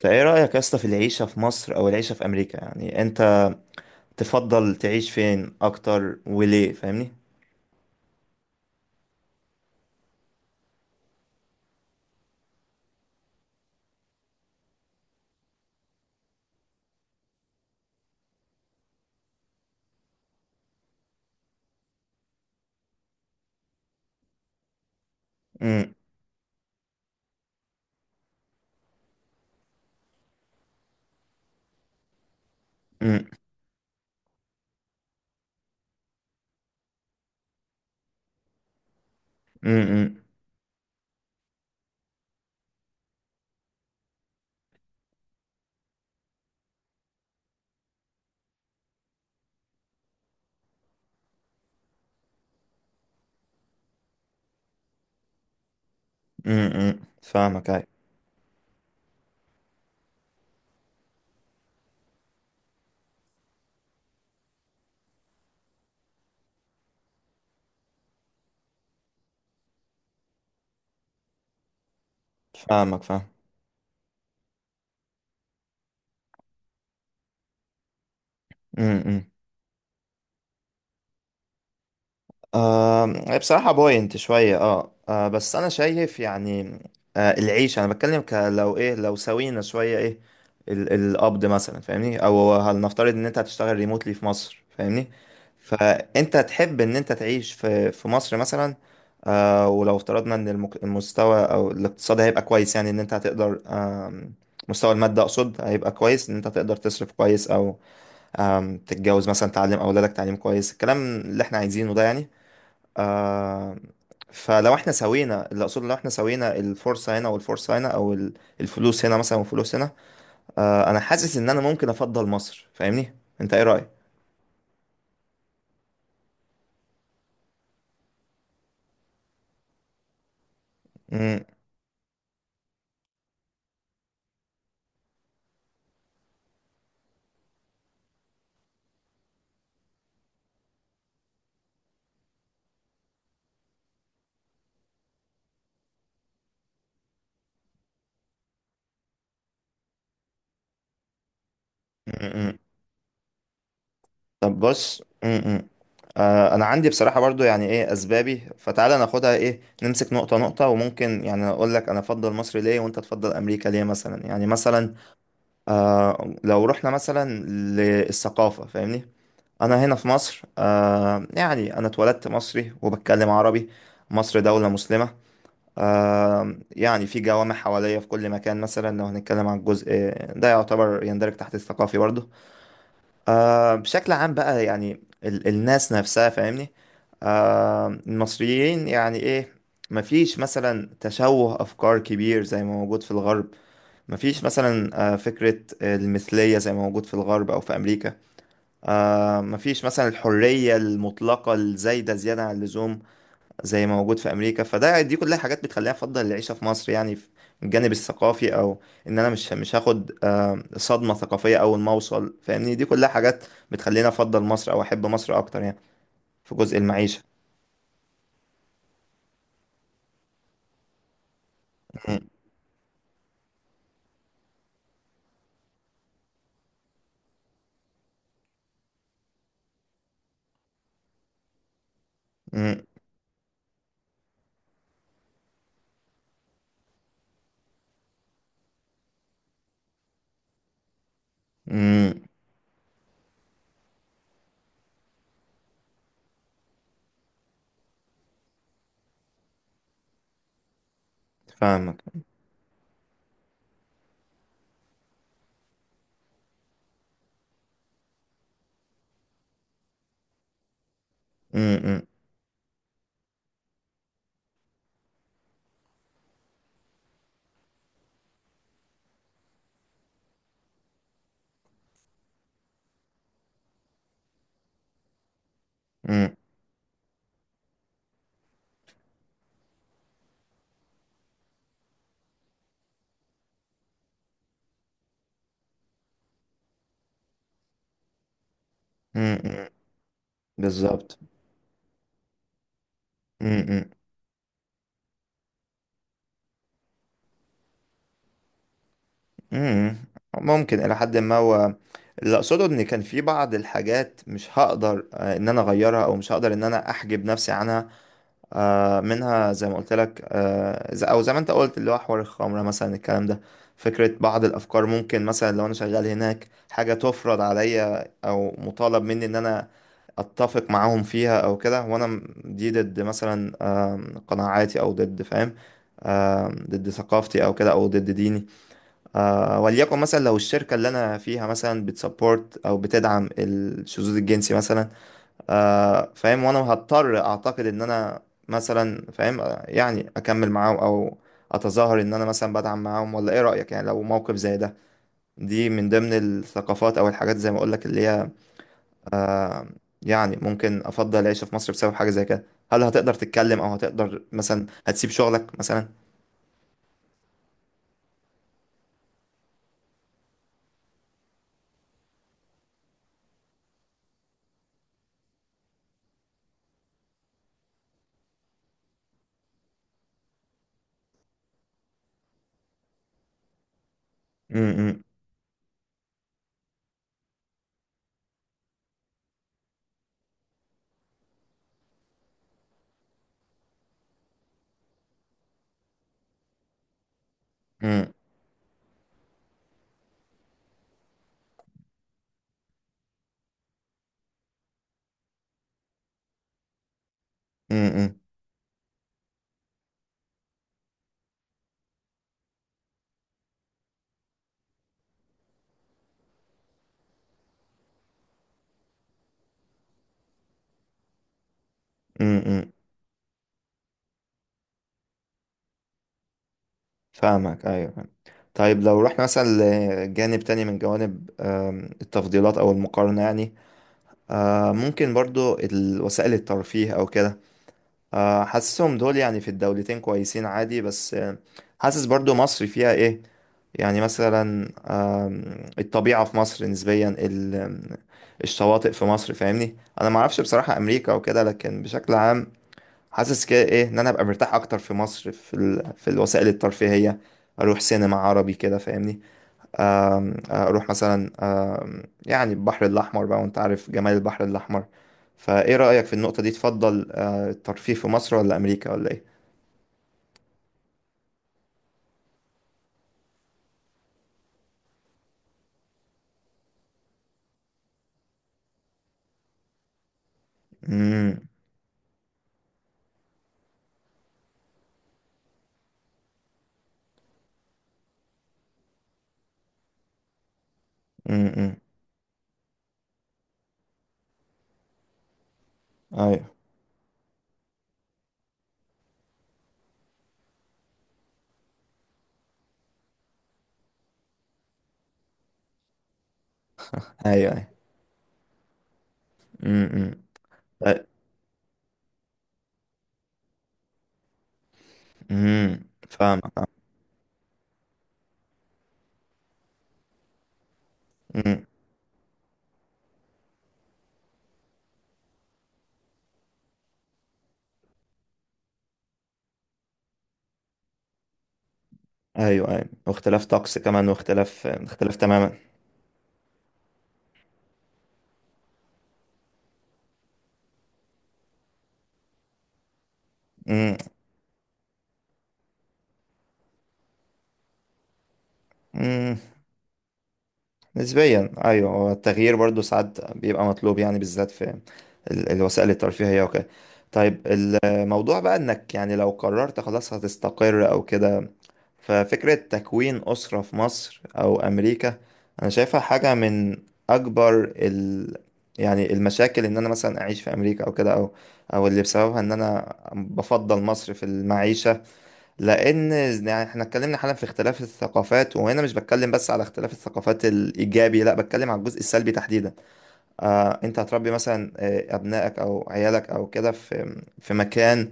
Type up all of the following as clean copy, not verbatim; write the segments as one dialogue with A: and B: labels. A: فايه رأيك يا اسطى في العيشة في مصر او العيشة في امريكا؟ يعني انت تفضل تعيش فين اكتر وليه؟ فاهمني؟ امم. امم. امم. امم. فاهمك اي. فاهمك فاهم. امم. آه، بصراحة بوينت شوية، بس أنا شايف، يعني. العيش، أنا بتكلم لو لو سوينا شوية إيه ال القبض مثلا، فاهمني؟ أو هنفترض إن أنت هتشتغل ريموتلي في مصر، فاهمني؟ فأنت تحب إن أنت تعيش في مصر مثلا. ولو افترضنا إن المستوى أو الاقتصاد هيبقى كويس، يعني إن أنت هتقدر مستوى المادة أقصد، هيبقى كويس إن أنت تقدر تصرف كويس، أو تتجوز مثلا، تعلم أولادك تعليم كويس، الكلام اللي إحنا عايزينه ده، يعني. آه. فلو احنا سوينا، اللي اقصده لو احنا سوينا الفرصة هنا والفرصة هنا، او الفلوس هنا مثلا والفلوس هنا. آه، انا حاسس ان انا ممكن افضل مصر، فاهمني؟ انت ايه رأيك؟ مم، مم، مم. طب بص. مم، مم. آه، انا عندي بصراحة برضو، يعني، ايه اسبابي؟ فتعالى ناخدها، ايه، نمسك نقطة نقطة، وممكن يعني اقول لك انا افضل مصر ليه وانت تفضل امريكا ليه مثلا، يعني مثلا. آه، لو رحنا مثلا للثقافة، فاهمني؟ انا هنا في مصر، يعني انا اتولدت مصري وبتكلم عربي. مصر دولة مسلمة. يعني في جوامع حواليا في كل مكان، مثلا لو هنتكلم عن الجزء ده يعتبر يندرج تحت الثقافي برضه. بشكل عام بقى، يعني الناس نفسها، فاهمني؟ المصريين، يعني ايه. مفيش مثلا تشوه افكار كبير زي ما موجود في الغرب. مفيش مثلا فكرة المثلية زي ما موجود في الغرب او في امريكا. مفيش مثلا الحرية المطلقة الزايدة زيادة عن اللزوم زي ما موجود في أمريكا، فده دي كلها حاجات بتخليني أفضل العيشة في مصر، يعني في الجانب الثقافي، أو إن أنا مش هاخد صدمة ثقافية أول ما أوصل، فاهمني؟ دي كلها حاجات بتخليني أفضل مصر أو أحب مصر أكتر، يعني في جزء المعيشة. م- م- م- فاهمك. م- م- م- م- م- بالظبط. م- م- امم. ممكن الى حد ما، هو اللي اقصده ان كان في بعض الحاجات مش هقدر ان انا اغيرها او مش هقدر ان انا احجب نفسي عنها منها، زي ما قلت لك، او زي ما انت قلت، اللي هو حوار الخمره مثلا الكلام ده، فكره بعض الافكار. ممكن مثلا لو انا شغال هناك حاجه تفرض عليا او مطالب مني ان انا اتفق معاهم فيها او كده، وانا دي ضد مثلا قناعاتي، او ضد، فاهم؟ ضد ثقافتي او كده، او ضد ديني. وليكن مثلا لو الشركة اللي أنا فيها مثلا بتسبورت أو بتدعم الشذوذ الجنسي مثلا فاهم، وأنا هضطر أعتقد إن أنا مثلا، فاهم، يعني أكمل معاهم أو أتظاهر إن أنا مثلا بدعم معاهم، ولا إيه رأيك يعني لو موقف زي ده؟ دي من ضمن الثقافات أو الحاجات زي ما أقولك اللي هي آه، يعني ممكن أفضل العيش في مصر بسبب حاجة زي كده. هل هتقدر تتكلم أو هتقدر مثلا هتسيب شغلك مثلا؟ م- م- م- م- م- م- فاهمك، ايوه فاهم. طيب، لو رحنا مثلا لجانب تاني من جوانب التفضيلات او المقارنة، يعني ممكن برضو وسائل الترفيه او كده. حاسسهم دول يعني في الدولتين كويسين عادي، بس حاسس برضو مصر فيها ايه، يعني مثلا الطبيعة في مصر نسبيا، ال- آم، الشواطئ في مصر، فاهمني؟ انا معرفش بصراحة امريكا وكده، لكن بشكل عام حاسس كده ايه ان انا ابقى مرتاح اكتر في مصر، في الوسائل الترفيهيه. اروح سينما عربي كده، فاهمني؟ اروح مثلا يعني البحر الاحمر بقى، وانت عارف جمال البحر الاحمر. فايه رايك في النقطه دي؟ تفضل الترفيه في مصر ولا امريكا ولا ايه؟ امم. امم. ايوه. ايوه. ايوه. امم. امم. فاهم. امم. ايوه ايوه، واختلاف طقس كمان، واختلاف، اختلاف تماما. امم. نسبيا ايوه، هو التغيير برضو ساعات بيبقى مطلوب، يعني بالذات في الوسائل الترفيهية وكده. طيب الموضوع بقى انك، يعني لو قررت خلاص هتستقر او كده، ففكرة تكوين أسرة في مصر او امريكا انا شايفها حاجة من اكبر يعني المشاكل، ان انا مثلا اعيش في امريكا او كده، او اللي بسببها ان انا بفضل مصر في المعيشة. لان يعني احنا اتكلمنا حالا في اختلاف الثقافات، وهنا مش بتكلم بس على اختلاف الثقافات الايجابي، لا بتكلم على الجزء السلبي تحديدا. انت هتربي مثلا ابنائك او عيالك او كده في مكان،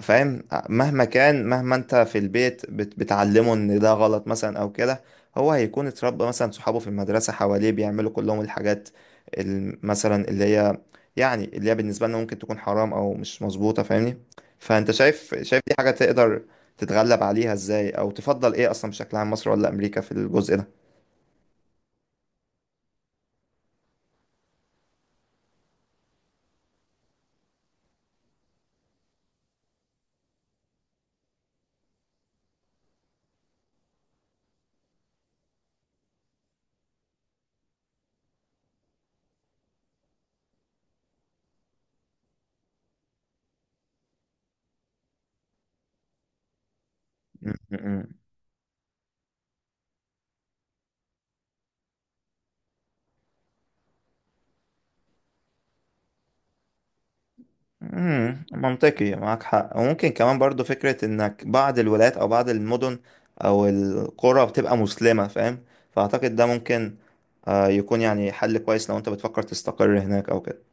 A: فاهم؟ مهما كان، مهما انت في البيت بتعلمه ان ده غلط مثلا او كده، هو هيكون اتربى مثلا، صحابه في المدرسة حواليه بيعملوا كلهم الحاجات مثلا اللي هي يعني اللي هي بالنسبة لنا ممكن تكون حرام او مش مظبوطة، فاهمني؟ فانت شايف، دي حاجة تقدر تتغلب عليها ازاي، او تفضل ايه اصلا بشكل عام، مصر ولا امريكا في الجزء ده؟ م- م- امم، منطقي، معاك حق. وممكن كمان برضو فكرة انك بعض الولايات او بعض المدن او القرى بتبقى مسلمة، فاهم؟ فاعتقد ده ممكن يكون يعني حل كويس لو انت بتفكر تستقر هناك او كده.